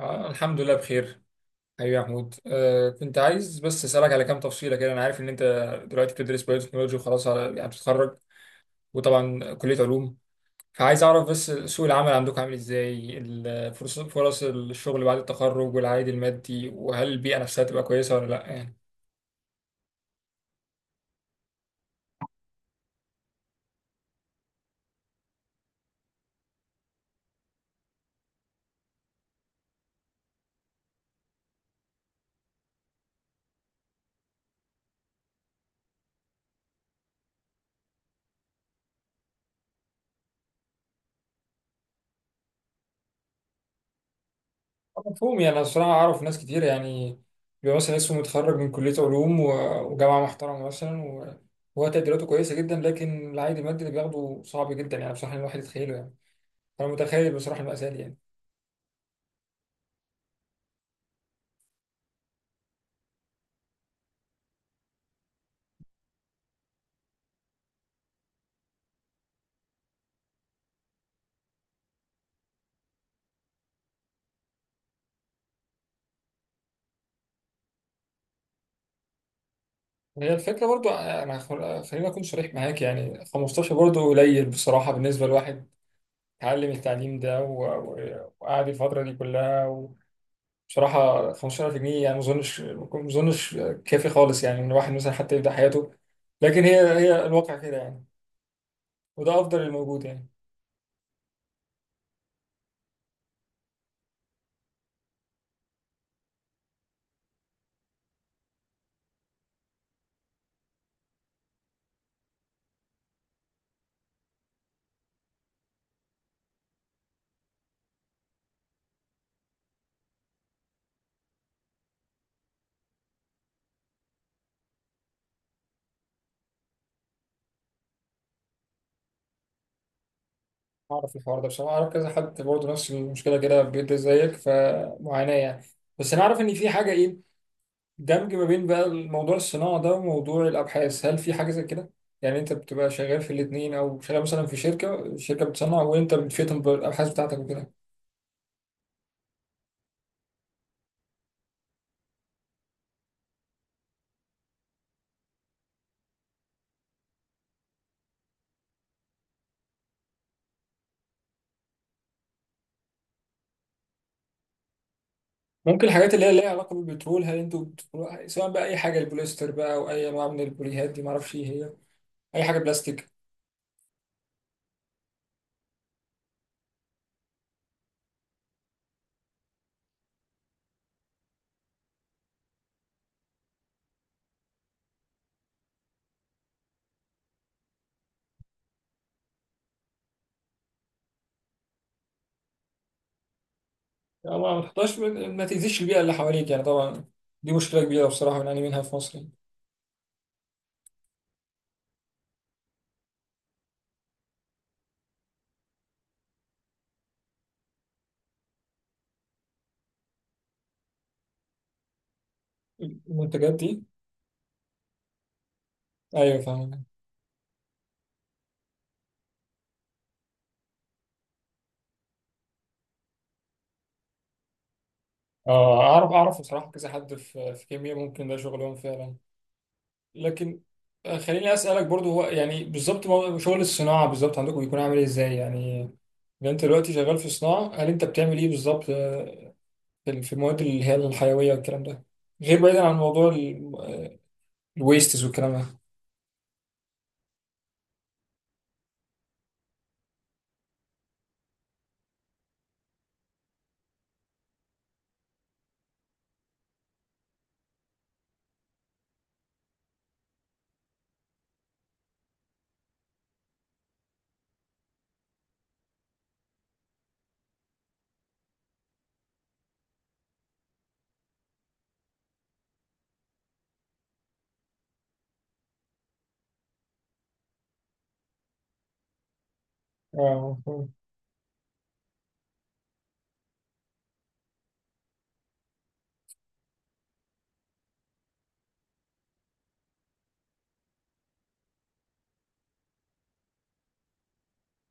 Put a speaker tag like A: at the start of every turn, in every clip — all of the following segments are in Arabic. A: آه الحمد لله بخير. حبيبي يا محمود، كنت عايز بس اسالك على كام تفصيله كده. انا عارف ان انت دلوقتي بتدرس بايوتكنولوجي وخلاص، على يعني بتتخرج، وطبعا كليه علوم. فعايز اعرف بس سوق العمل عندكم عامل ازاي، فرص الشغل بعد التخرج والعائد المادي، وهل البيئه نفسها تبقى كويسه ولا لا يعني. مفهوم. يعني انا الصراحه اعرف ناس كتير، يعني بيبقى مثلا اسمه متخرج من كليه علوم وجامعه محترمه مثلا، وهو تقديراته كويسه جدا، لكن العائد المادي اللي بياخده صعب جدا يعني بصراحه الواحد يتخيله يعني. انا متخيل بصراحه المأساة دي يعني. هي الفكره، برضو انا خليني اكون صريح معاك، يعني 15 برضو قليل بصراحه بالنسبه لواحد اتعلم التعليم ده وقعد الفتره دي كلها. وبصراحه 15000 جنيه يعني ما اظنش كافي خالص، يعني ان الواحد مثلا حتى يبدا حياته. لكن هي الواقع كده يعني، وده افضل الموجود يعني. اعرف الحوار ده بصراحه، اعرف كذا حد برضه نفس المشكله كده بيبدا زيك، فمعاناه يعني. بس انا اعرف ان في حاجه ايه، دمج ما بين بقى الموضوع الصناعة ده وموضوع الأبحاث. هل في حاجة زي كده؟ يعني أنت بتبقى شغال في الاتنين، أو شغال مثلا في شركة بتصنع وأنت بتفيدهم بالأبحاث بتاعتك وكده. ممكن الحاجات اللي هي ليها علاقة بالبترول، هل أنتوا سواء بقى أي حاجة، البوليستر بقى أو أي نوع من البوليهات دي معرفش إيه هي، أي حاجة بلاستيك. يعني ما تحطهاش ما تأذيش البيئة اللي حواليك يعني، طبعا. دي مشكلة كبيرة بصراحة بنعاني منها في مصر يعني. المنتجات دي. أيوه فاهم. اه اعرف اعرف بصراحه، كذا حد في كيمياء ممكن ده شغلهم فعلا. لكن خليني اسالك برضو، هو يعني بالظبط شغل الصناعه بالظبط عندكم بيكون عامل إيه، ازاي يعني؟ لو انت دلوقتي شغال في صناعه، هل انت بتعمل ايه بالظبط، في المواد اللي هي الحيويه والكلام ده، غير بعيدا عن موضوع الويستس والكلام ده؟ اه. آه.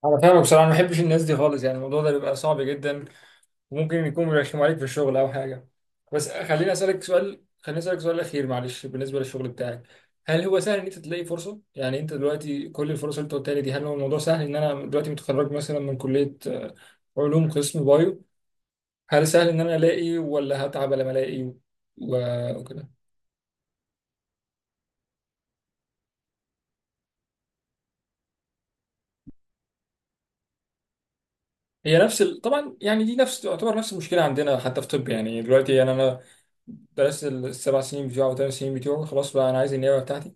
A: انا فاهمك بصراحه. أنا ما بحبش الناس دي خالص، يعني الموضوع ده بيبقى صعب جدا، وممكن يكون بيرخموا عليك في الشغل او حاجه. بس خليني اسالك سؤال، اخير معلش، بالنسبه للشغل بتاعك، هل هو سهل ان انت تلاقي فرصه؟ يعني انت دلوقتي كل الفرص اللي انت قلتها لي دي، هل هو الموضوع سهل ان انا دلوقتي متخرج مثلا من كليه علوم قسم بايو؟ هل سهل ان انا الاقي، ولا هتعب لما الاقي وكده؟ هي نفس طبعا يعني دي نفس، تعتبر نفس المشكله عندنا حتى في طب. يعني دلوقتي يعني انا درست السبع سنين بتوعه وثمان سنين بتوعه، خلاص بقى انا عايز النيابه بتاعتي،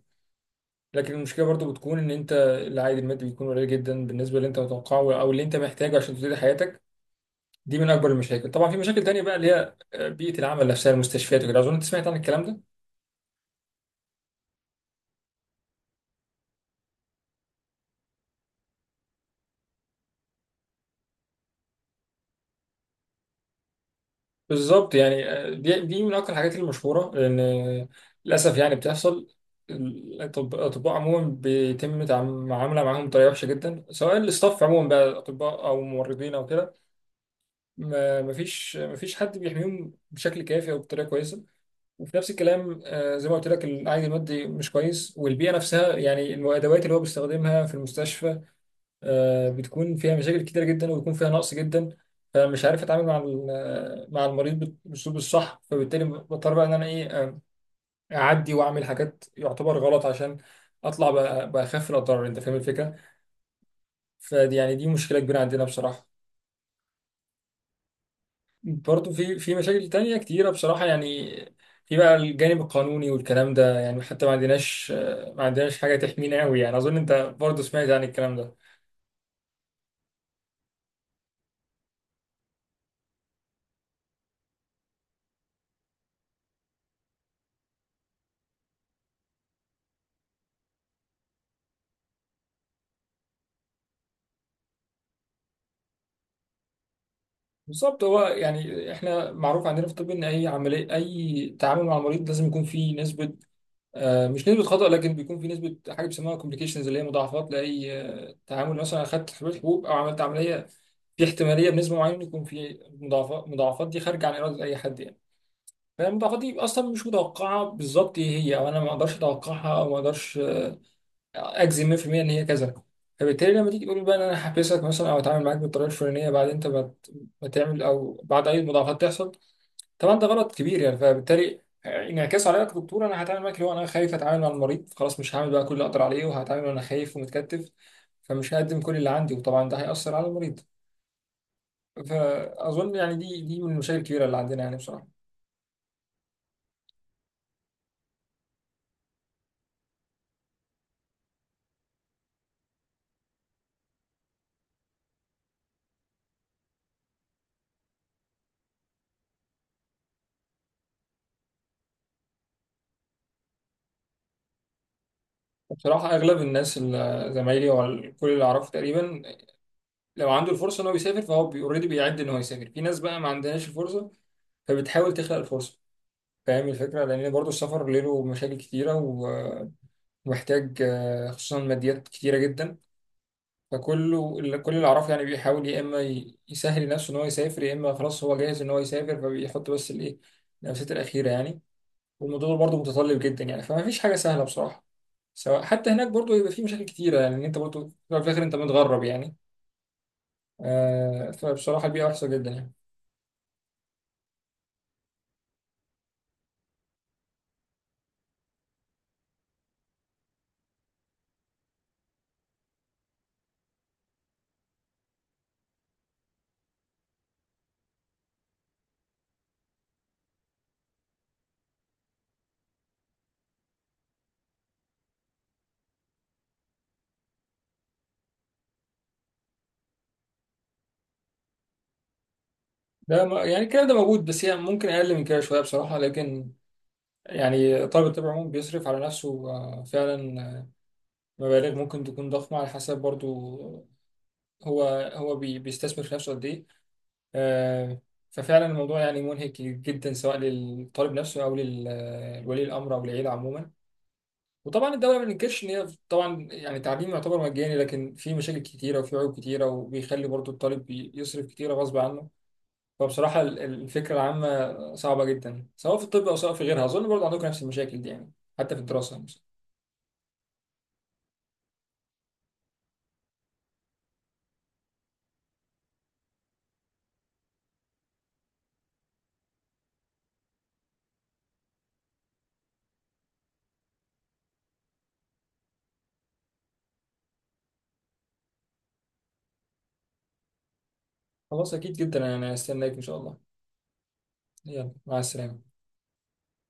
A: لكن المشكله برضو بتكون ان انت العائد المادي بيكون قليل جدا بالنسبه اللي انت متوقعه او اللي انت محتاجه عشان تبتدي حياتك. دي من اكبر المشاكل. طبعا في مشاكل تانية بقى اللي هي بيئه العمل نفسها، المستشفيات وكده، اظن انت سمعت عن الكلام ده. بالظبط يعني، دي من اكتر الحاجات المشهوره، لان للاسف يعني بتحصل. الاطباء عموما بيتم معامله معاهم بطريقه وحشه جدا، سواء الاستاف عموما بقى، اطباء او ممرضين او كده. مفيش حد بيحميهم بشكل كافي او بطريقه كويسه. وفي نفس الكلام، زي ما قلت لك العائد المادي مش كويس، والبيئه نفسها يعني الادوات اللي هو بيستخدمها في المستشفى بتكون فيها مشاكل كتيره جدا، وبيكون فيها نقص جدا. فمش عارف اتعامل مع مع المريض بالاسلوب الصح، فبالتالي بضطر بقى ان انا ايه، اعدي واعمل حاجات يعتبر غلط عشان اطلع باخف الاضرار، انت فاهم الفكره. فدي يعني دي مشكله كبيره عندنا بصراحه. برضه في مشاكل تانية كتيرة بصراحة يعني. في بقى الجانب القانوني والكلام ده، يعني حتى ما عندناش حاجة تحمينا قوي، يعني أظن أنت برضه سمعت عن الكلام ده. بالظبط. هو يعني إحنا معروف عندنا في الطب إن أي عملية، أي تعامل مع المريض، لازم يكون فيه نسبة مش نسبة خطأ، لكن بيكون في نسبة حاجة بيسموها كومبليكيشنز، اللي هي مضاعفات، لأي تعامل، مثلا أخدت حبوب أو عملت عملية، في احتمالية بنسبة معينة يكون في مضاعفات. المضاعفات دي خارجة عن إرادة أي حد يعني، فاهم، تقدير اصلا مش متوقعه بالظبط ايه هي، او انا ما اقدرش اتوقعها او ما اقدرش اجزم 100% ان هي كذا. فبالتالي لما تيجي تقول بقى ان انا هحبسك مثلا، او اتعامل معاك بالطريقه الفلانيه بعد انت ما تعمل او بعد اي مضاعفات تحصل، طبعا ده غلط كبير يعني. فبالتالي انعكاس عليا كدكتور، انا هتعامل معاك اللي هو انا خايف اتعامل مع المريض، خلاص مش هعمل بقى كل اللي اقدر عليه، وهتعامل وانا خايف ومتكتف، فمش هقدم كل اللي عندي، وطبعا ده هيأثر على المريض. فأظن يعني دي من المشاكل الكبيرة اللي عندنا يعني بصراحة. بصراحة أغلب الناس اللي زمايلي وكل اللي أعرفه تقريبا، لو عنده الفرصة إن هو يسافر فهو أوريدي بيعد إن هو يسافر. في ناس بقى ما عندهاش الفرصة، فبتحاول تخلق الفرصة، فاهم الفكرة، لأن برضه السفر له مشاكل كتيرة ومحتاج خصوصا ماديات كتيرة جدا. كل اللي أعرفه يعني بيحاول يا إما يسهل نفسه إن هو يسافر، يا إما خلاص هو جاهز إن هو يسافر، فبيحط بس الإيه، النفسات الأخيرة يعني. والموضوع برضه متطلب جدا يعني، فما فيش حاجه سهله بصراحه. سواء حتى هناك برضه يبقى في مشاكل كتيره، يعني إن انت برضه في الأول وفي الاخر انت متغرب يعني، فبصراحه البيئه وحشه جدا يعني. يعني الكلام ده موجود، بس هي ممكن اقل من كده شويه بصراحه. لكن يعني طالب الطب عموما بيصرف على نفسه فعلا مبالغ ممكن تكون ضخمه، على حسب برضه هو بيستثمر في نفسه قد ايه. آه، ففعلا الموضوع يعني منهك جدا، سواء للطالب نفسه او للولي الامر او العيله عموما. وطبعا الدوله ما بننكرش ان هي طبعا يعني التعليم يعتبر مجاني، لكن في مشاكل كتيره وفي عيوب كتيره، وبيخلي برضو الطالب يصرف كتيره غصب عنه. فبصراحه الفكره العامه صعبه جدا، سواء في الطب او سواء في غيرها. اظن برضو عندكم نفس المشاكل دي يعني، حتى في الدراسه مثلا. خلاص، اكيد جدا انا هستناك ان شاء الله. يلا، مع السلامه.